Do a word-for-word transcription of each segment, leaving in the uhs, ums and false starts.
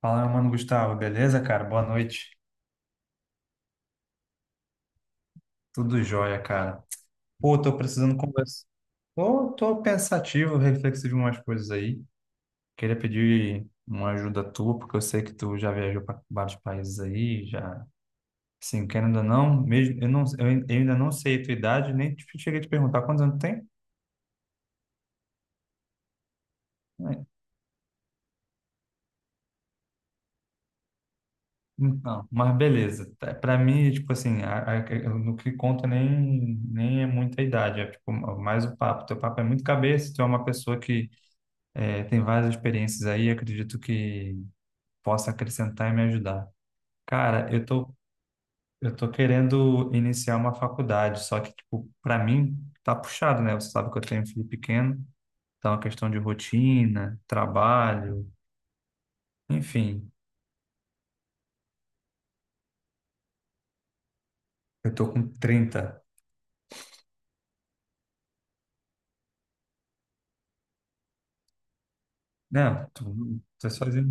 Fala, meu mano Gustavo, beleza, cara? Boa noite. Tudo jóia, cara. Pô, tô precisando conversar. Tô, tô pensativo, reflexivo em umas coisas aí. Queria pedir uma ajuda tua, porque eu sei que tu já viajou para vários países aí, já. Assim, querendo ou não, mesmo, eu não, eu ain- eu ainda não sei a tua idade, nem te- cheguei a te perguntar quantos anos tu tem. É, então, mas beleza. Tá, pra mim, tipo assim, a, a, eu- no que conta nem, nem é muita idade, é tipo, mais o papo. Teu papo é muito cabeça, tu é uma pessoa que... É, tem várias experiências aí, acredito que possa acrescentar e me ajudar. Cara, eu tô, eu tô querendo iniciar uma faculdade, só que, tipo, para mim tá puxado, né? Você sabe que eu tenho um filho pequeno, então a questão de rotina, trabalho, enfim, eu tô com trinta. Não, tô, tô sozinho,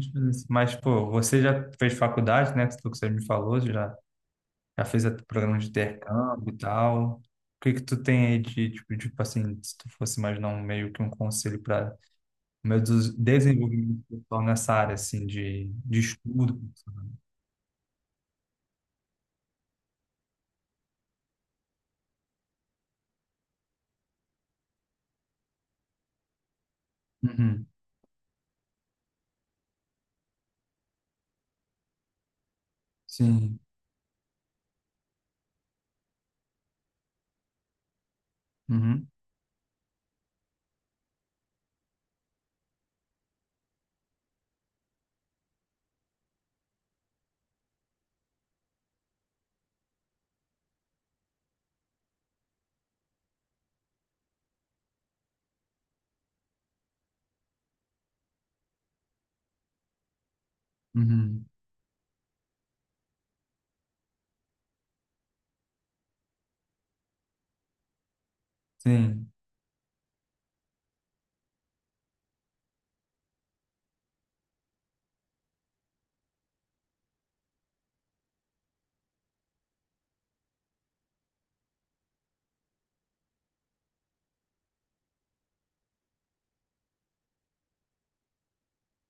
mas, pô, você já fez faculdade, né? Tudo que você me falou, você já Já fez até programa de intercâmbio e tal. O que que tu tem aí de, tipo, tipo assim, se tu fosse imaginar um meio que um conselho para o meu des- desenvolvimento pessoal nessa área, assim, de, de estudo? Uhum. Sim. Uhum. Uhum. Sim.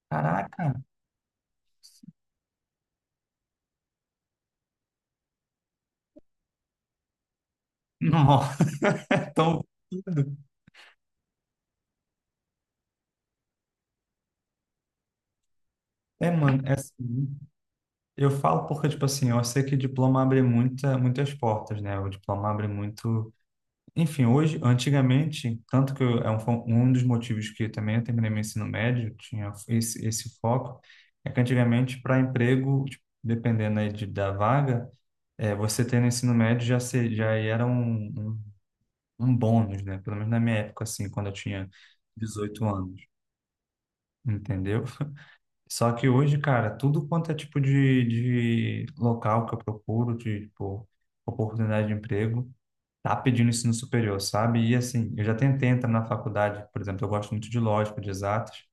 Caraca! Nossa! Tão tudo. É, mano, é assim. Eu falo porque, tipo assim, eu sei que diploma abre muita, muitas portas, né? O diploma abre muito. Enfim, hoje, antigamente, tanto que eu, é um, fo- um dos motivos que também eu terminei meu ensino médio, tinha esse, esse foco, é que antigamente, para emprego, tipo, dependendo aí de, da vaga, é, você ter no ensino médio já, se, já era um, um, um bônus, né? Pelo menos na minha época, assim, quando eu tinha 18 anos, entendeu? Só que hoje, cara, tudo quanto é tipo de, de local que eu procuro, de, tipo, oportunidade de emprego, tá pedindo ensino superior, sabe? E assim, eu já tentei entrar na faculdade, por exemplo, eu gosto muito de lógica, de exatas.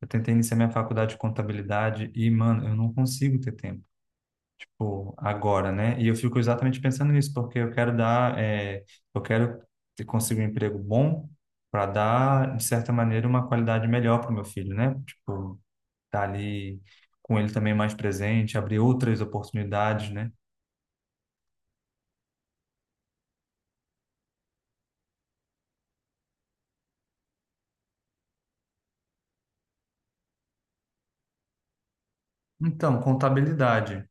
Eu tentei iniciar minha faculdade de contabilidade e, mano, eu não consigo ter tempo, tipo, agora, né? E eu fico exatamente pensando nisso, porque eu quero dar, é, eu quero ter- conseguir um emprego bom para dar, de certa maneira, uma qualidade melhor para o meu filho, né? Tipo, tá ali com ele também mais presente, abrir outras oportunidades, né? Então, contabilidade.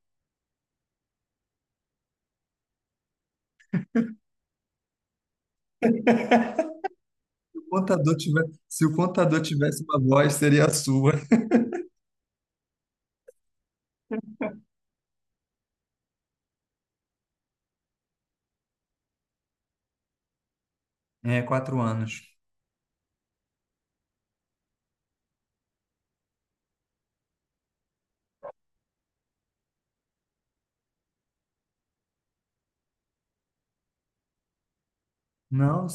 contador tiver, Se o contador tivesse uma voz, seria a sua. É, quatro anos. Não,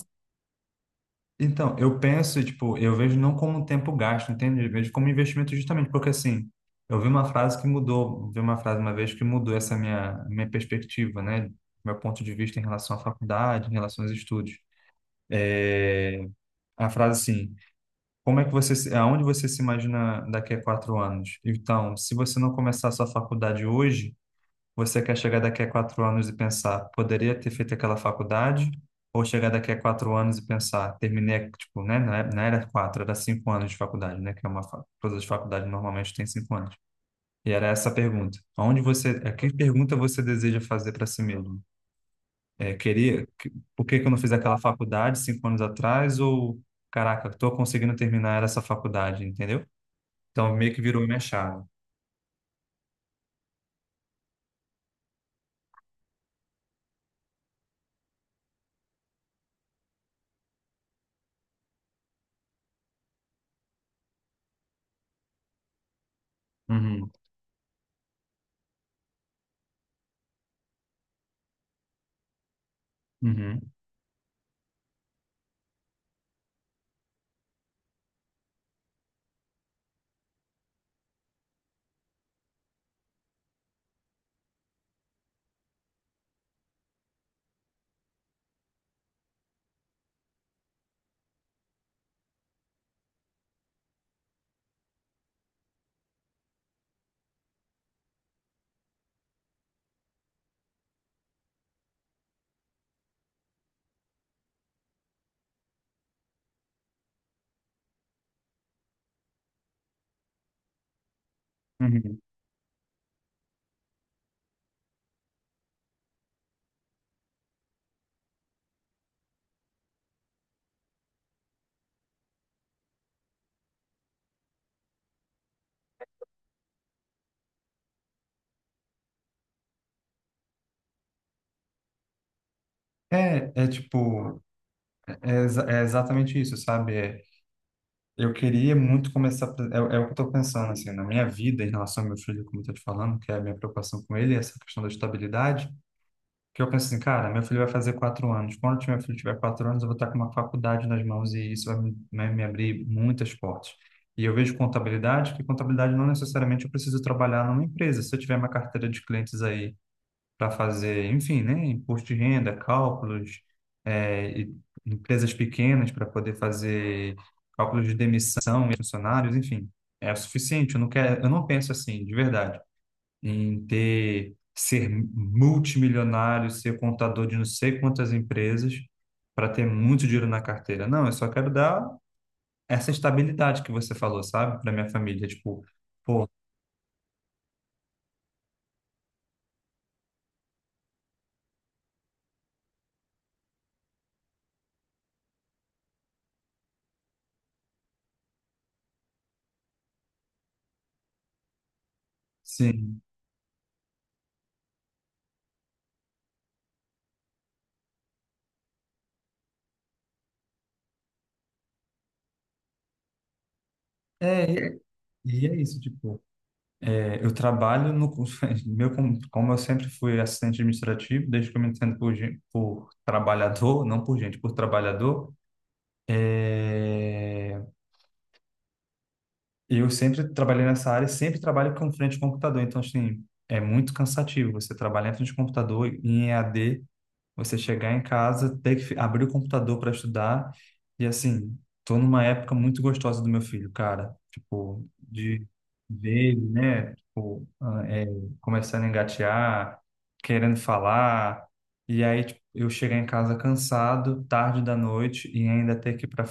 então, eu penso, tipo, eu vejo não como um tempo gasto, entende? Eu vejo como investimento justamente, porque assim, eu vi uma frase que mudou, vi uma frase uma vez que mudou essa minha, minha perspectiva, né? Meu ponto de vista em relação à faculdade, em relação aos estudos. É, a frase assim, como é que você, se- aonde você se imagina daqui a quatro anos? Então, se você não começar a sua faculdade hoje, você quer chegar daqui a quatro anos e pensar, poderia ter feito aquela faculdade? Ou chegar daqui a quatro anos e pensar, terminei, tipo, né? Não é- não era quatro, era cinco anos de faculdade, né? Que é uma, fa- Todas as faculdades normalmente têm cinco anos. E era essa a pergunta. Onde você, é, que pergunta você deseja fazer para si mesmo? É, queria, que- por que que eu não fiz aquela faculdade cinco anos atrás? Ou, caraca, estou conseguindo terminar essa faculdade, entendeu? Então, meio que virou minha chave. Uhum, uhum, uhum. É, é tipo, É, exa- é exatamente isso, sabe? É, eu queria muito começar. pra- É, é o que eu estou pensando, assim, na minha vida em relação ao meu filho, como eu estou te falando, que é a minha preocupação com ele, essa questão da estabilidade. Que eu penso assim, cara, meu filho vai fazer quatro anos. Quando meu filho tiver quatro anos, eu vou estar com uma faculdade nas mãos e isso vai me, vai me abrir muitas portas. E eu vejo contabilidade, que contabilidade não necessariamente eu preciso trabalhar numa empresa. Se eu tiver uma carteira de clientes aí para fazer, enfim, né, imposto de renda, cálculos, é, e empresas pequenas para poder fazer cálculos de demissão e funcionários, enfim, é o suficiente. Eu não quero, eu não penso assim, de verdade, em ter, ser multimilionário, ser contador de não sei quantas empresas para ter muito dinheiro na carteira. Não, eu só quero dar essa estabilidade que você falou, sabe, para minha família, tipo, pô, sim. É, e é, e é isso, tipo, é, eu trabalho no meu com- como eu sempre fui assistente administrativo, desde que eu me entendo por, gen- por trabalhador, não por gente, por trabalhador. é, eu sempre trabalhei nessa área, e sempre trabalho com frente de computador, então assim é muito cansativo. Você trabalhar em frente de computador em E A D, você chegar em casa, ter que fi- abrir o computador para estudar. E assim, tô numa época muito gostosa do meu filho, cara. Tipo, de ver ele, né? Tipo, ah, é, começando a engatear, querendo falar. E aí, tipo, eu chegar em casa cansado, tarde da noite, e ainda ter que ir para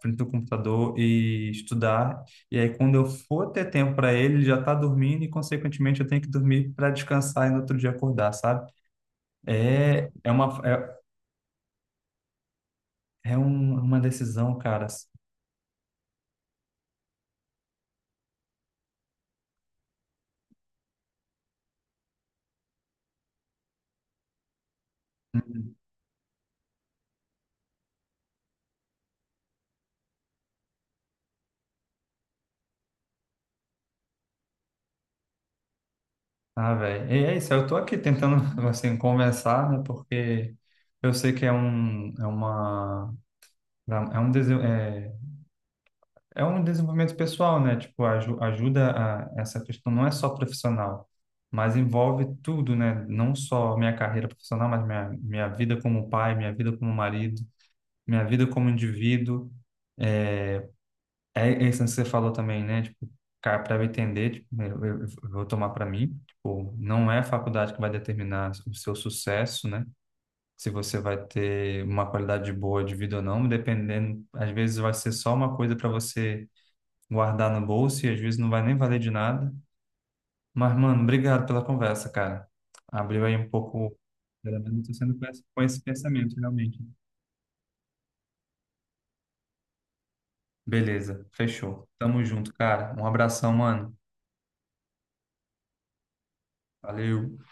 frente do computador e estudar. E aí, quando eu for ter tempo para ele, ele já tá dormindo e, consequentemente, eu tenho que dormir para descansar e no outro dia acordar, sabe? É, é uma, é, é um- uma decisão, cara, assim. Uhum. Ah, velho. E é isso, eu tô aqui tentando, assim, conversar, né? Porque eu sei que é um, é uma, é um, dese- é, é um desenvolvimento pessoal, né? Tipo, aju- ajuda a, essa questão não é só profissional, mas envolve tudo, né? Não só minha carreira profissional, mas minha, minha vida como pai, minha vida como marido, minha vida como indivíduo. É, É, é isso que você falou também, né? Tipo, cara, para eu entender, tipo, eu, eu- eu vou tomar para mim, tipo, não é a faculdade que vai determinar o seu sucesso, né? Se você vai ter uma qualidade boa de vida ou não, dependendo, às vezes vai ser só uma coisa para você guardar no bolso e às vezes não vai nem valer de nada. Mas, mano, obrigado pela conversa, cara. Abriu aí um pouco, pelo menos eu tô sendo com esse com esse pensamento, realmente. Beleza, fechou. Tamo junto, cara. Um abração, mano. Valeu.